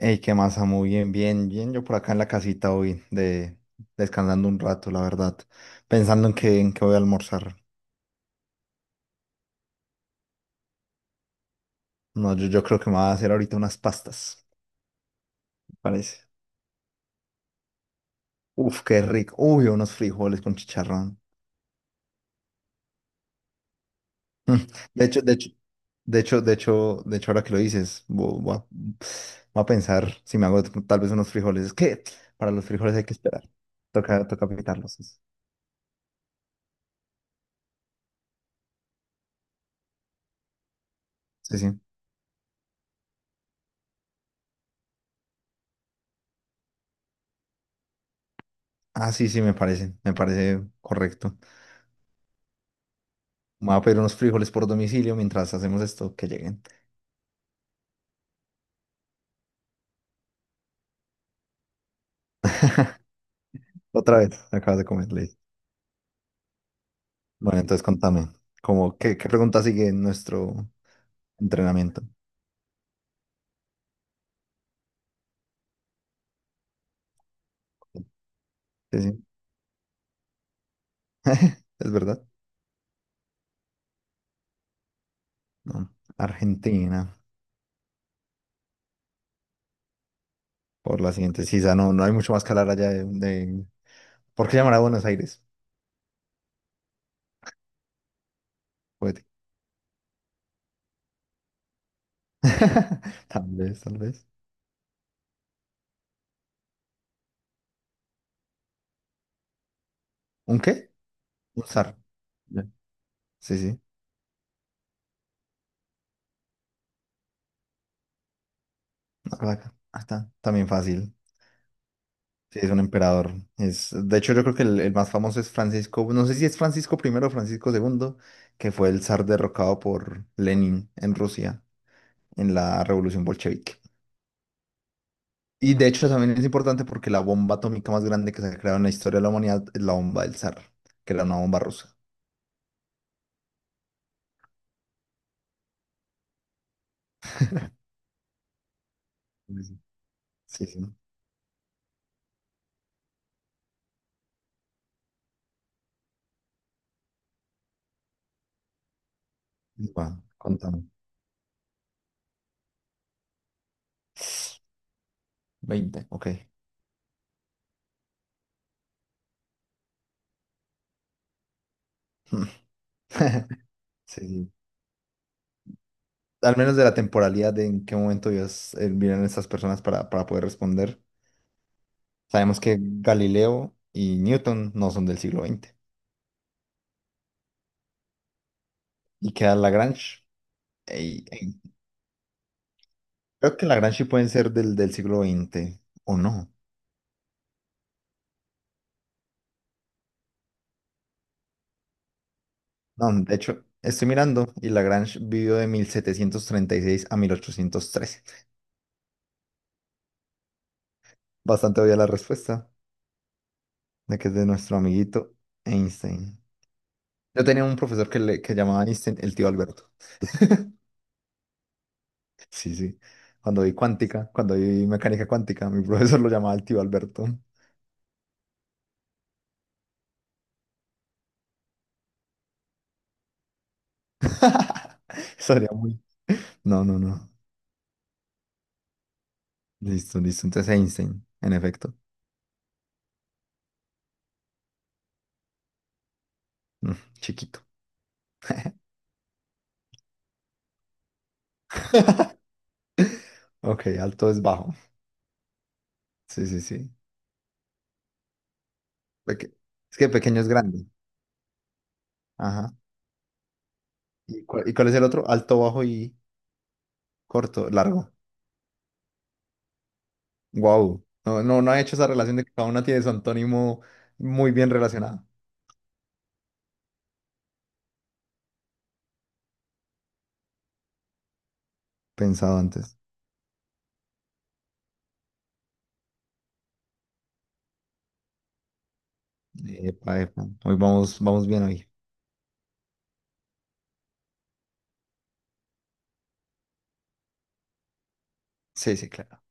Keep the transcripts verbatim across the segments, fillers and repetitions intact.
Ey, qué masa, muy bien, bien, bien. Yo por acá en la casita hoy, de, descansando un rato, la verdad. Pensando en qué, en qué voy a almorzar. No, yo, yo creo que me voy a hacer ahorita unas pastas, me parece. Uf, qué rico. Uy, unos frijoles con chicharrón. Mm, De hecho, de hecho, de hecho, de hecho, de hecho, ahora que lo dices, vo- voy a, voy a pensar si me hago tal vez unos frijoles. Es que para los frijoles hay que esperar. Toca, toca pitarlos. Sí, sí. Ah, sí, sí, me parece, me parece correcto. Me voy a pedir unos frijoles por domicilio mientras hacemos esto, que lleguen. Otra vez, acabas de comer, Ley. Bueno, entonces contame, ¿cómo, qué, qué pregunta sigue en nuestro entrenamiento? Sí, sí, es verdad. No. Argentina, por la siguiente. Sí, ya no, no hay mucho más que hablar allá de, de- ¿Por qué llamar a Buenos Aires? Puede. Tal vez, tal vez. ¿Un qué? Un zar. Ya. Sí, sí, una placa. Ah, está, también fácil. Sí, es un emperador. Es, de hecho, yo creo que el, el más famoso es Francisco, no sé si es Francisco primero o Francisco segundo, que fue el zar derrocado por Lenin en Rusia en la Revolución Bolchevique. Y de hecho también es importante porque la bomba atómica más grande que se ha creado en la historia de la humanidad es la bomba del zar, que era una bomba rusa. Ujú. Sí, sí. Sí. Va, contame. veinte, ok. Sí, sí. Al menos de la temporalidad de en qué momento Dios eh, vienen estas personas para, para poder responder. Sabemos que Galileo y Newton no son del siglo veinte y queda Lagrange. Ey, ey, creo que Lagrange sí pueden ser del, del siglo veinte o no. No, de hecho, estoy mirando y Lagrange vivió de mil setecientos treinta y seis a mil ochocientos trece. Bastante obvia la respuesta de que es de nuestro amiguito Einstein. Yo tenía un profesor que, le, que llamaba Einstein el tío Alberto. Sí, sí. Cuando vi cuántica, cuando vi mecánica cuántica, mi profesor lo llamaba el tío Alberto. Sería muy... No, no, no. Listo, listo. Entonces Einstein, en efecto. Mm, chiquito. Ok, alto es bajo. Sí, sí, sí. Peque- es que pequeño es grande. Ajá. ¿Y cuál, y cuál es el otro? Alto, bajo y corto, largo. Wow. No, no, no he hecho esa relación de que cada una tiene su antónimo muy bien relacionado. Pensado antes. Epa, epa. Hoy vamos, vamos bien hoy. Sí, sí, claro.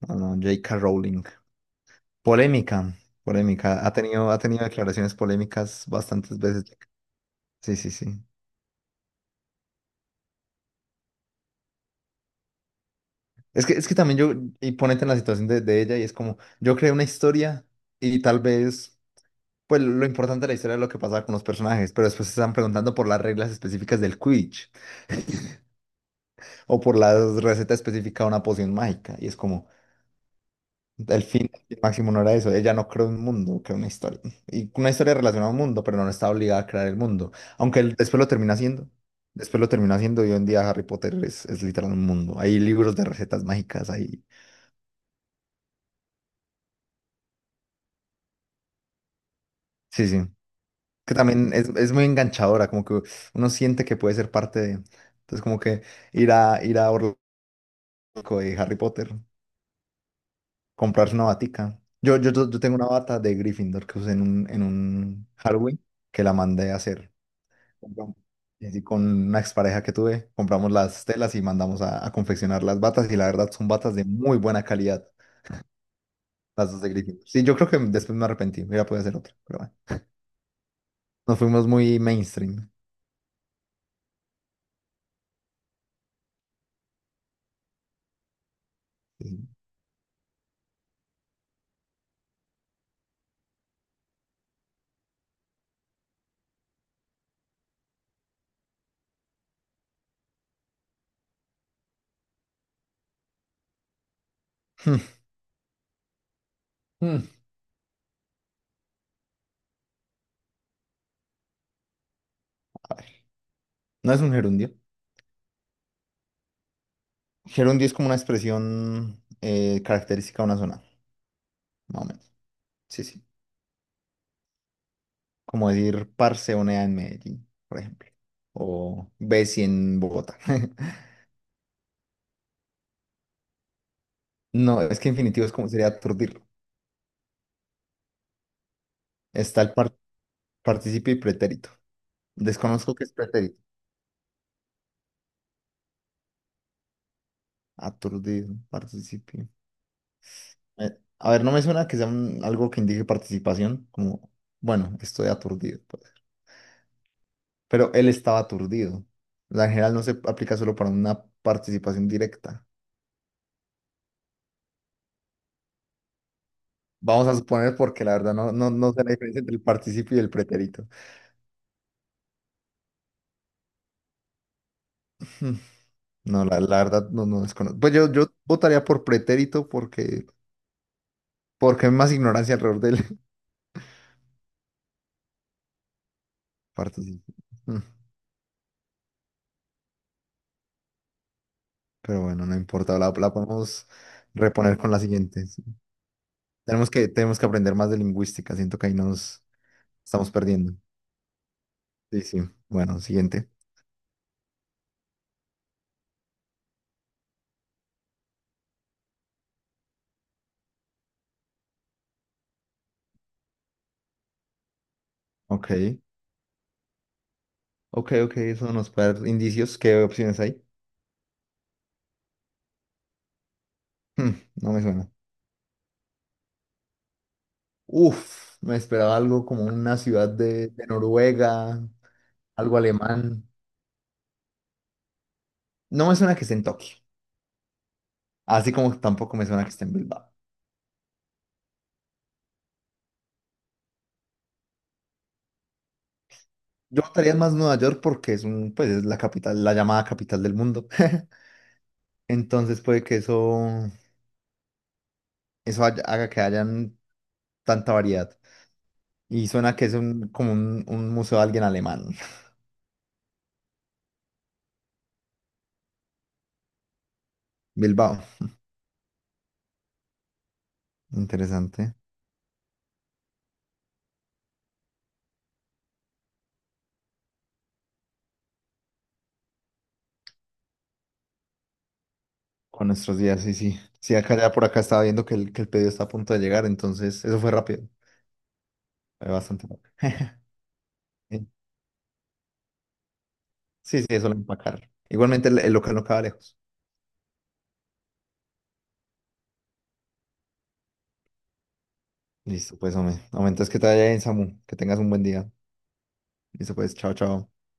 No, no, J K. Rowling. Polémica, polémica. Ha tenido, ha tenido declaraciones polémicas bastantes veces. Sí, sí, sí. Es que, es que también yo, y ponete en la situación de, de ella, y es como, yo creé una historia, y tal vez, pues lo importante de la historia es lo que pasaba con los personajes, pero después se están preguntando por las reglas específicas del Quidditch, o por la receta específica de una poción mágica, y es como, el fin máximo no era eso, ella no creó un mundo, creó una historia, y una historia relacionada a un mundo, pero no está obligada a crear el mundo, aunque él después lo termina haciendo, después lo termina haciendo, y hoy en día Harry Potter es, es literal un mundo, hay libros de recetas mágicas, hay, sí, sí. Que también es, es muy enganchadora, como que uno siente que puede ser parte de. Entonces, como que ir a ir a Orlando de Harry Potter, comprarse una batica. Yo, yo, yo tengo una bata de Gryffindor que usé en un, en un Halloween que la mandé a hacer. Compramos- y así con una expareja que tuve, compramos las telas y mandamos a, a confeccionar las batas. Y la verdad son batas de muy buena calidad, las dos de Gryffindor. Sí, yo creo que después me arrepentí, hubiera podido hacer otra, pero bueno. Nos fuimos muy mainstream. Sí. Hmm. A ver, no es un gerundio. Gerundio es como una expresión eh, característica de una zona, más o menos. Sí, sí. Como decir parceonea en Medellín, por ejemplo. O besi en Bogotá. No, es que infinitivo es como sería aturdirlo. Está el par- Participio y pretérito. Desconozco qué es pretérito. Aturdido, participio. Eh, a ver, no me suena que sea un- algo que indique participación, como, bueno, estoy aturdido. Puede ser. Pero él estaba aturdido. La general no se aplica solo para una participación directa. Vamos a suponer porque la verdad no, no, no sé la diferencia entre el participio y el pretérito. Hmm, no, la, la verdad no, no desconozco. Pues yo, yo votaría por pretérito porque, porque hay más ignorancia alrededor del participio. Hmm, pero bueno, no importa, la, la podemos reponer con la siguiente. Sí. Tenemos que, tenemos que aprender más de lingüística, siento que ahí nos estamos perdiendo. Sí, sí. Bueno, siguiente. Ok, ok, ok, eso nos puede dar indicios. ¿Qué opciones hay? Hmm, no me suena. Uf, me esperaba algo como una ciudad de, de Noruega, algo alemán. No me suena que esté en Tokio, así como tampoco me suena que esté en Bilbao. Yo estaría más Nueva York porque es un, pues es la capital, la llamada capital del mundo. Entonces puede que eso, eso haya- haga que hayan tanta variedad. Y suena que es un, como un, un museo de alguien alemán. Bilbao. Interesante. Con nuestros días, sí, sí. Sí, acá ya por acá estaba viendo que el, que el pedido está a punto de llegar, entonces eso fue rápido. Fue bastante rápido. Sí, sí, sí, solo empacar. Igualmente el, el local no queda lejos. Listo, pues, hombre. Aumentas que te vaya bien, Samu. Que tengas un buen día. Listo, pues, chao, chao.